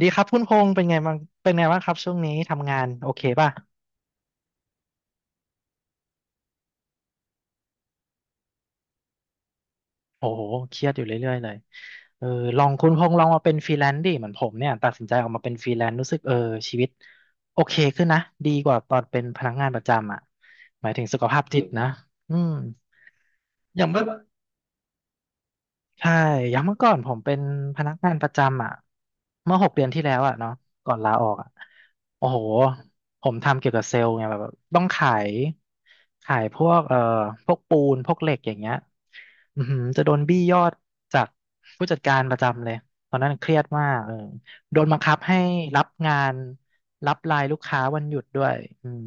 ดีครับคุณพงษ์เป็นไงบ้างเป็นไงบ้างครับช่วงนี้ทำงานโอเคป่ะโอ้โหเครียดอยู่เรื่อยๆเลยเออลองคุณพงษ์ลองมาเป็นฟรีแลนซ์ดิเหมือนผมเนี่ยตัดสินใจออกมาเป็นฟรีแลนซ์รู้สึกเออชีวิตโอเคขึ้นนะดีกว่าตอนเป็นพนักงานประจำอ่ะหมายถึงสุขภาพจิตนะอืมอย ใช่อย่างเมื่อก่อนผมเป็นพนักงานประจำอ่ะเมื่อหกเดือนที่แล้วอ่ะเนาะก่อนลาออกอ่ะโอ้โหผมทำเกี่ยวกับเซลล์ไงแบบต้องขายขายพวกพวกปูนพวกเหล็กอย่างเงี้ยอือหือจะโดนบี้ยอดจากผู้จัดการประจำเลยตอนนั้นเครียดมากเออโดนบังคับให้รับงานรับไลน์ลูกค้าวันหยุดด้วยอืม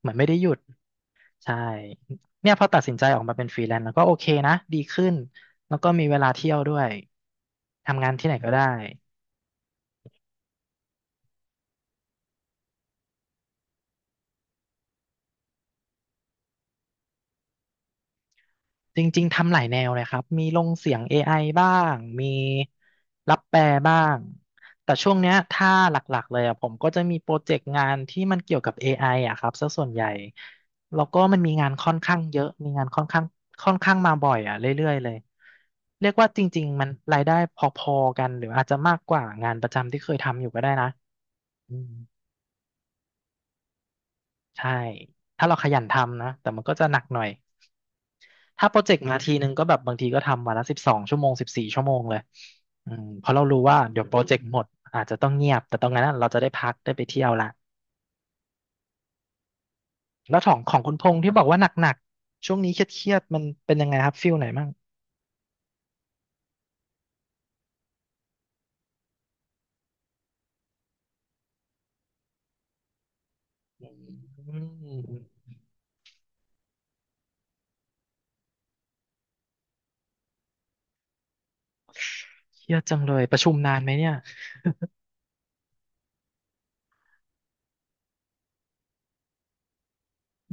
เหมือนไม่ได้หยุด ใช่เนี่ยพอตัดสินใจออกมาเป็นฟรีแลนซ์แล้วก็โอเคนะดีขึ้นแล้วก็มีเวลาเที่ยวด้วยทำงานที่ไหนก็ได้จริงๆทำหลายแนวเลยครับมีลงเสียง AI บ้างมีรับแปลบ้างแต่ช่วงเนี้ยถ้าหลักๆเลยอ่ะผมก็จะมีโปรเจกต์งานที่มันเกี่ยวกับ AI อไออ่ะครับซะส่วนใหญ่แล้วก็มันมีงานค่อนข้างเยอะมีงานค่อนข้างมาบ่อยอ่ะเรื่อยๆเลยเรียกว่าจริงๆมันรายได้พอๆกันหรืออาจจะมากกว่างานประจำที่เคยทำอยู่ก็ได้นะ อืมใช่ ถ้าเราขยันทำนะ แต่มันก็จะหนักหน่อย ถ้าโปรเจกต์มาทีนึงก็แบบบางทีก็ทำวันละสิบสองชั่วโมงสิบสี่ชั่วโมงเลยอืมเพราะเรารู้ว่าเดี๋ยวโปรเจกต์หมดอาจจะต้องเงียบ แต่ตรงนั้นน่ะเราจะได้พักได้ไปเที่ยวละ แล้วของคุณพงษ์ที่บอกว่าหนักๆ ช่วงนี้เครียดๆ มันเป็นยังไงครับฟิลไหนมั่งอืมเครียดจังเลยประชุมนานไหมเนี่ย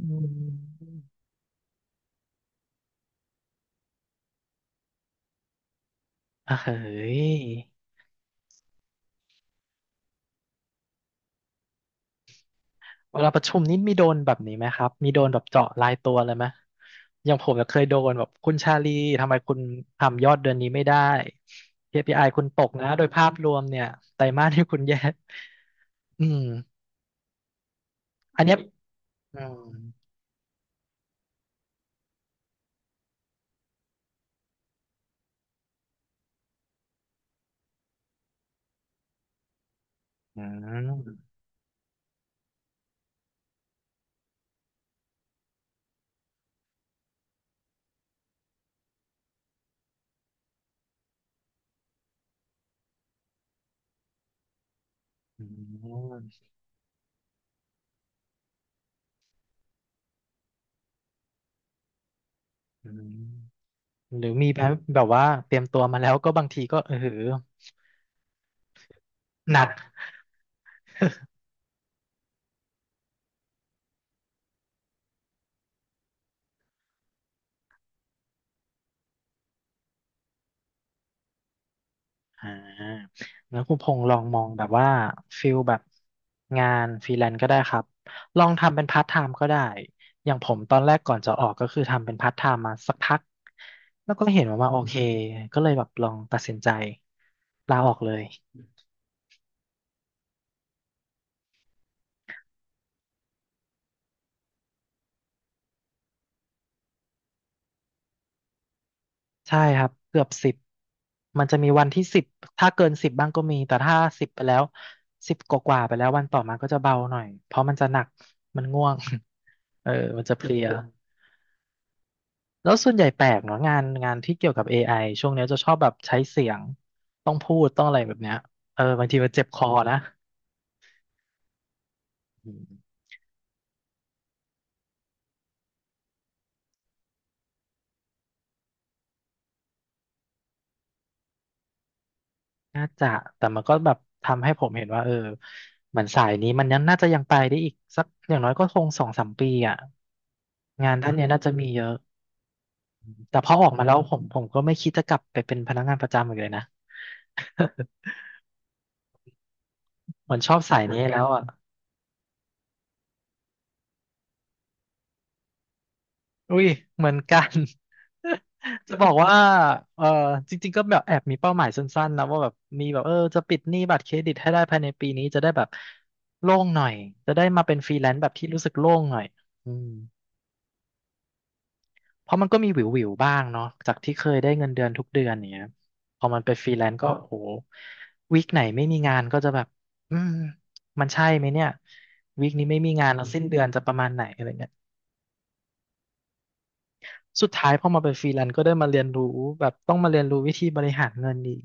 อืมเฮ้ย เวลาประชุมนี่มีโดนแบบนี้ไหมครับ มีโดนแบบเจาะรายตัวเลยไหมอย่างผมเนี่ยเคยโดนแบบคุณชาลีทำไมคุณทำยอดเดือนนี้ไม่ได้เคพี p i คุณตกนะโดยภาพรวมเนี่ยไตรมาสที่คุณแย่อืมอันเนี้ยอืมอืมอืมอืมหรือมีแบบว่าเตรียมตัวมาแล้วก็บางทีก็เออหนัก อ่าแล้วคุณพงษ์ลองมองแบบว่าฟิลแบบงานฟรีแลนซ์ก็ได้ครับลองทำเป็นพาร์ทไทม์ก็ได้อย่างผมตอนแรกก่อนจะออกก็คือทำเป็นพาร์ทไทม์มาสักพักแล้วก็เห็นว่ามาโอเคก็เลยแบบลองตัดสินใจลาออกเลย ใช่ครับเกือบสิบมันจะมีวันที่สิบถ้าเกินสิบบ้างก็มีแต่ถ้าสิบไปแล้วสิบกว่าๆไปแล้ววันต่อมาก็จะเบาหน่อย เพราะมันจะหนัก มันง่วง เออมันจะเพลีย แล้วส่วนใหญ่แปลกเนาะงานที่เกี่ยวกับ AI ช่วงเนี้ยจะชอบแบบใช้เสียงต้องพูดต้องอะไรแบบเนี้ยเออบางทีมันเจ็บคอนะอืมน่าจะแต่มันก็แบบทำให้ผมเห็นว่าเออเหมือนสายนี้มันยังน่าจะยังไปได้อีกสักอย่างน้อยก็คงสองสามปีอ่ะงานด้านเนี้ยน่าจะมีเยอะแต่พอออกมาแล้วผมก็ไม่คิดจะกลับไปเป็นพนักงานประจำอีกเลยนะเหมือนชอบสายนี้แล้วอ่ะ อุ้ยเหมือนกัน จะบอกว่าเออจริงๆก็แบบแอบมีเป้าหมายสั้นๆนะว่าแบบมีแบบเออจะปิดหนี้บัตรเครดิตให้ได้ภายในปีนี้จะได้แบบโล่งหน่อยจะได้มาเป็นฟรีแลนซ์แบบที่รู้สึกโล่งหน่อยอืมเพราะมันก็มีหวิวๆบ้างเนาะจากที่เคยได้เงินเดือนทุกเดือนอย่างเงี้ยพอมันเป็นฟรีแลนซ์ก็โอ้โหวีคไหนไม่มีงานก็จะแบบอืมมันใช่ไหมเนี่ยวีคนี้ไม่มีงานแล้วสิ้นเดือนจะประมาณไหนอะไรเงี้ย สุดท้ายพอมาเป็นฟรีแลนซ์ก็ได้มาเรียนรู้แบบต้องมาเรียนรู้วิธีบริหารเงินอีก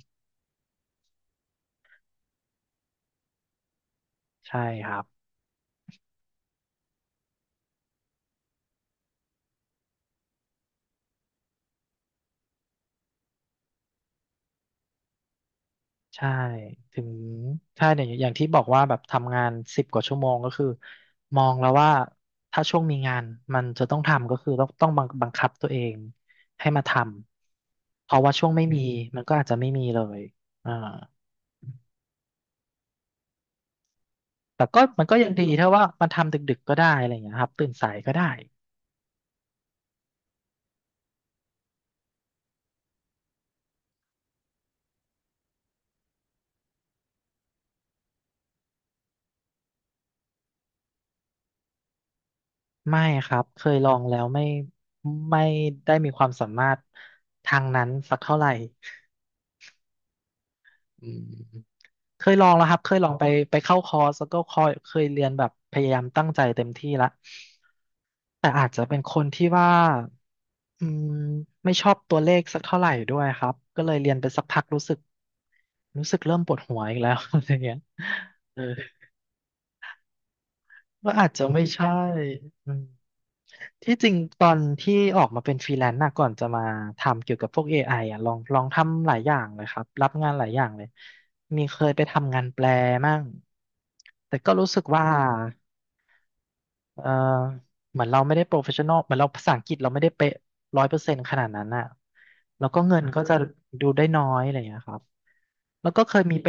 ใช่ครับใช่ถึงใช่เนี่ยอย่างที่บอกว่าแบบทำงานสิบกว่าชั่วโมงก็คือมองแล้วว่าถ้าช่วงมีงานมันจะต้องทำก็คือต้องบังคับตัวเองให้มาทำเพราะว่าช่วงไม่มีมันก็อาจจะไม่มีเลยอ่าแต่ก็มันก็ยังดีถ้าว่ามันทำดึกๆก็ได้อะไรอย่างเงี้ยครับตื่นสายก็ได้ ไม่ครับเคยลองแล้วไม่ไม่ได้มีความสามารถทางนั้นสักเท่าไหร่อืมเคยลองแล้วครับเคยลองไปเข้าคอร์สแล้วก็คอยเคยเรียนแบบพยายามตั้งใจเต็มที่ละแต่อาจจะเป็นคนที่ว่าอืมไม่ชอบตัวเลขสักเท่าไหร่ด้วยครับก็เลยเรียนไปสักพักรู้สึกเริ่มปวดหัวอีกแล้ว อะไรเงี้ยเออ ก็อาจจะไม่ใช่อืมที่จริงตอนที่ออกมาเป็นฟรีแลนซ์นะก่อนจะมาทำเกี่ยวกับพวก AI อไออ่ะลองทำหลายอย่างเลยครับรับงานหลายอย่างเลยมีเคยไปทำงานแปลมั่งแต่ก็รู้สึกว่า เออเหมือนเราไม่ได้โปรเฟชชั่นอลเหมือนเราภาษาอังกฤษเราไม่ได้เป๊ะร้อยเปอร์เซ็นต์ขนาดนั้นอ่ะแล้วก็เงินก็จะดูได้น้อยอะไรอย่างเงี้ยครับแล้วก็เคยมีไป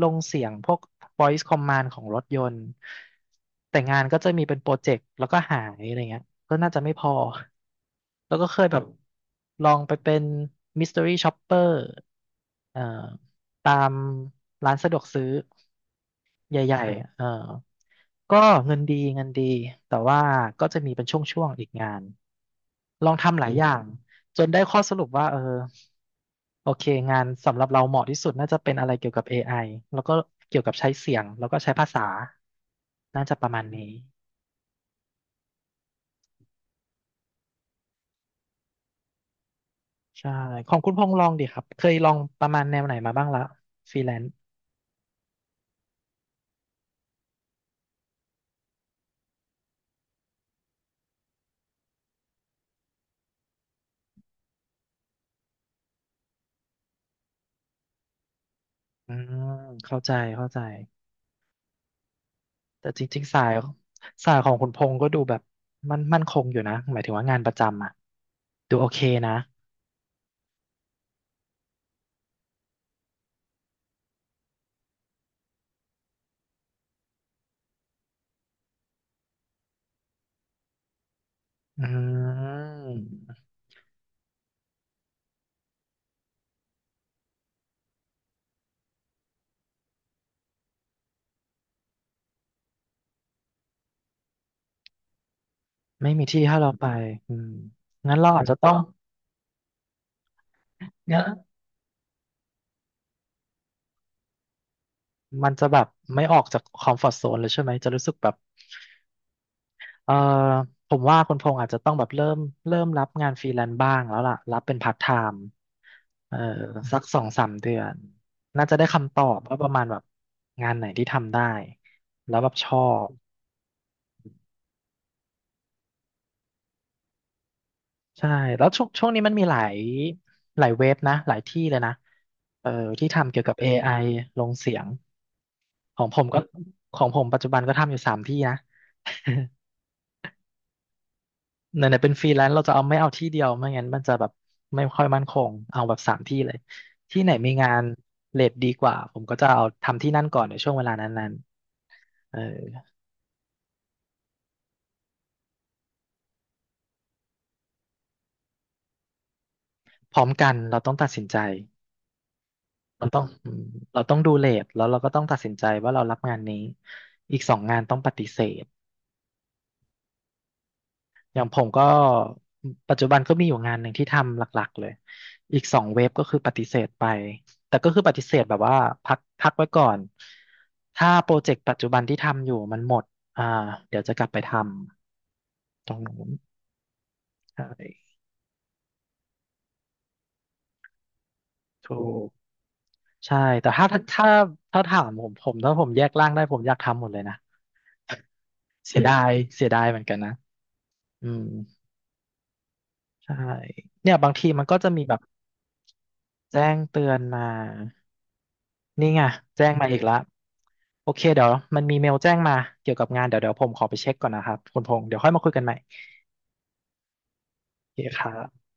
ลงเสียงพวก voice command ของรถยนต์ แต่งานก็จะมีเป็นโปรเจกต์แล้วก็หายอะไรเงี้ยก็น่าจะไม่พอ แล้วก็เคยแบบลองไปเป็น mystery shopper เอ่อตามร้านสะดวกซื้อ ใหญ่ๆเออก็เงินดีเงินดี แต่ว่าก็จะมีเป็นช่วงๆอีกงาน ลองทำหลายอย่างจนได้ข้อสรุปว่าเออโอเค งานสำหรับเราเหมาะที่สุดน่าจะเป็นอะไรเกี่ยวกับ AI แล้วก็เกี่ยวกับใช้เสียงแล้วก็ใช้ภาษา น่าจะประมาณนี้ใช่ของคุณพงษ์ลองดิครับ เคยลองประมาณแนวไหนมาบ้างละฟรีแลนซ์อืมเข้าใจเข้าใจ แต่จริงๆ สายของคุณพงษ์ก็ดูแบบมันมั่นคงอยู่นะหมายถึงว่างานประจำอ่ะดูโอเคนะอืมไม่มีที่ให้เราไปอืมงั้นเราอาจจะต้องงั้นมันจะแบบไม่ออกจากคอมฟอร์ z โซนเลยใช่ไหมจะรู้สึกแบบเออผมว่าคุณพงษ์อาจจะต้องแบบเริ่มรับงานฟรีแลนซ์บ้างแล้วล่ะรับเป็นพาร์ทไทม์เออสักสองสามเดือนน่าจะได้คำตอบว่าประมาณแบบงานไหนที่ทำได้แล้วแบบชอบ ใช่แล้วช่วงนี้มันมีหลายเว็บนะหลายที่เลยนะเออที่ทำเกี่ยวกับ AI ลงเสียงของผมก็ของผมปัจจุบันก็ทำอยู่สามที่นะ ไหนๆเป็นฟรีแลนซ์เราจะเอาไม่เอาที่เดียวไม่งั้นมันจะแบบไม่ค่อยมั่นคงเอาแบบสามที่เลยที่ไหนมีงานเรทดีกว่าผมก็จะเอาทำที่นั่นก่อนในช่วงเวลานั้นๆเออพร้อมกันเราต้องตัดสินใจเราต้องเราต้องดูเรทแล้วเราก็ต้องตัดสินใจว่าเรารับงานนี้อีกสองงานต้องปฏิเสธ อย่างผมก็ปัจจุบันก็มีอยู่งานหนึ่งที่ทำหลักๆเลยอีกสองเว็บก็คือปฏิเสธไปแต่ก็คือปฏิเสธแบบว่าพักไว้ก่อนถ้าโปรเจกต์ปัจจุบันที่ทำอยู่มันหมดอ่าเดี๋ยวจะกลับไปทำตรงนู้นใช่ถูกใช่แต่ถ้าถามผมผมผมแยกร่างได้ผมอยากทำหมดเลยนะเสียดายเหมือนกันนะอืมใช่เนี่ยบางทีมันก็จะมีแบบแจ้งเตือนมา นี่ไงแจ้งมาอีกแล้วโอเคเดี๋ยวมันมีเมลแจ้งมาเกี่ยวกับงานเดี๋ยวผมขอไปเช็คก่อนนะครับคุณพงษ์เดี๋ยวค่อยมาคุยกันใหม่โอเคครับ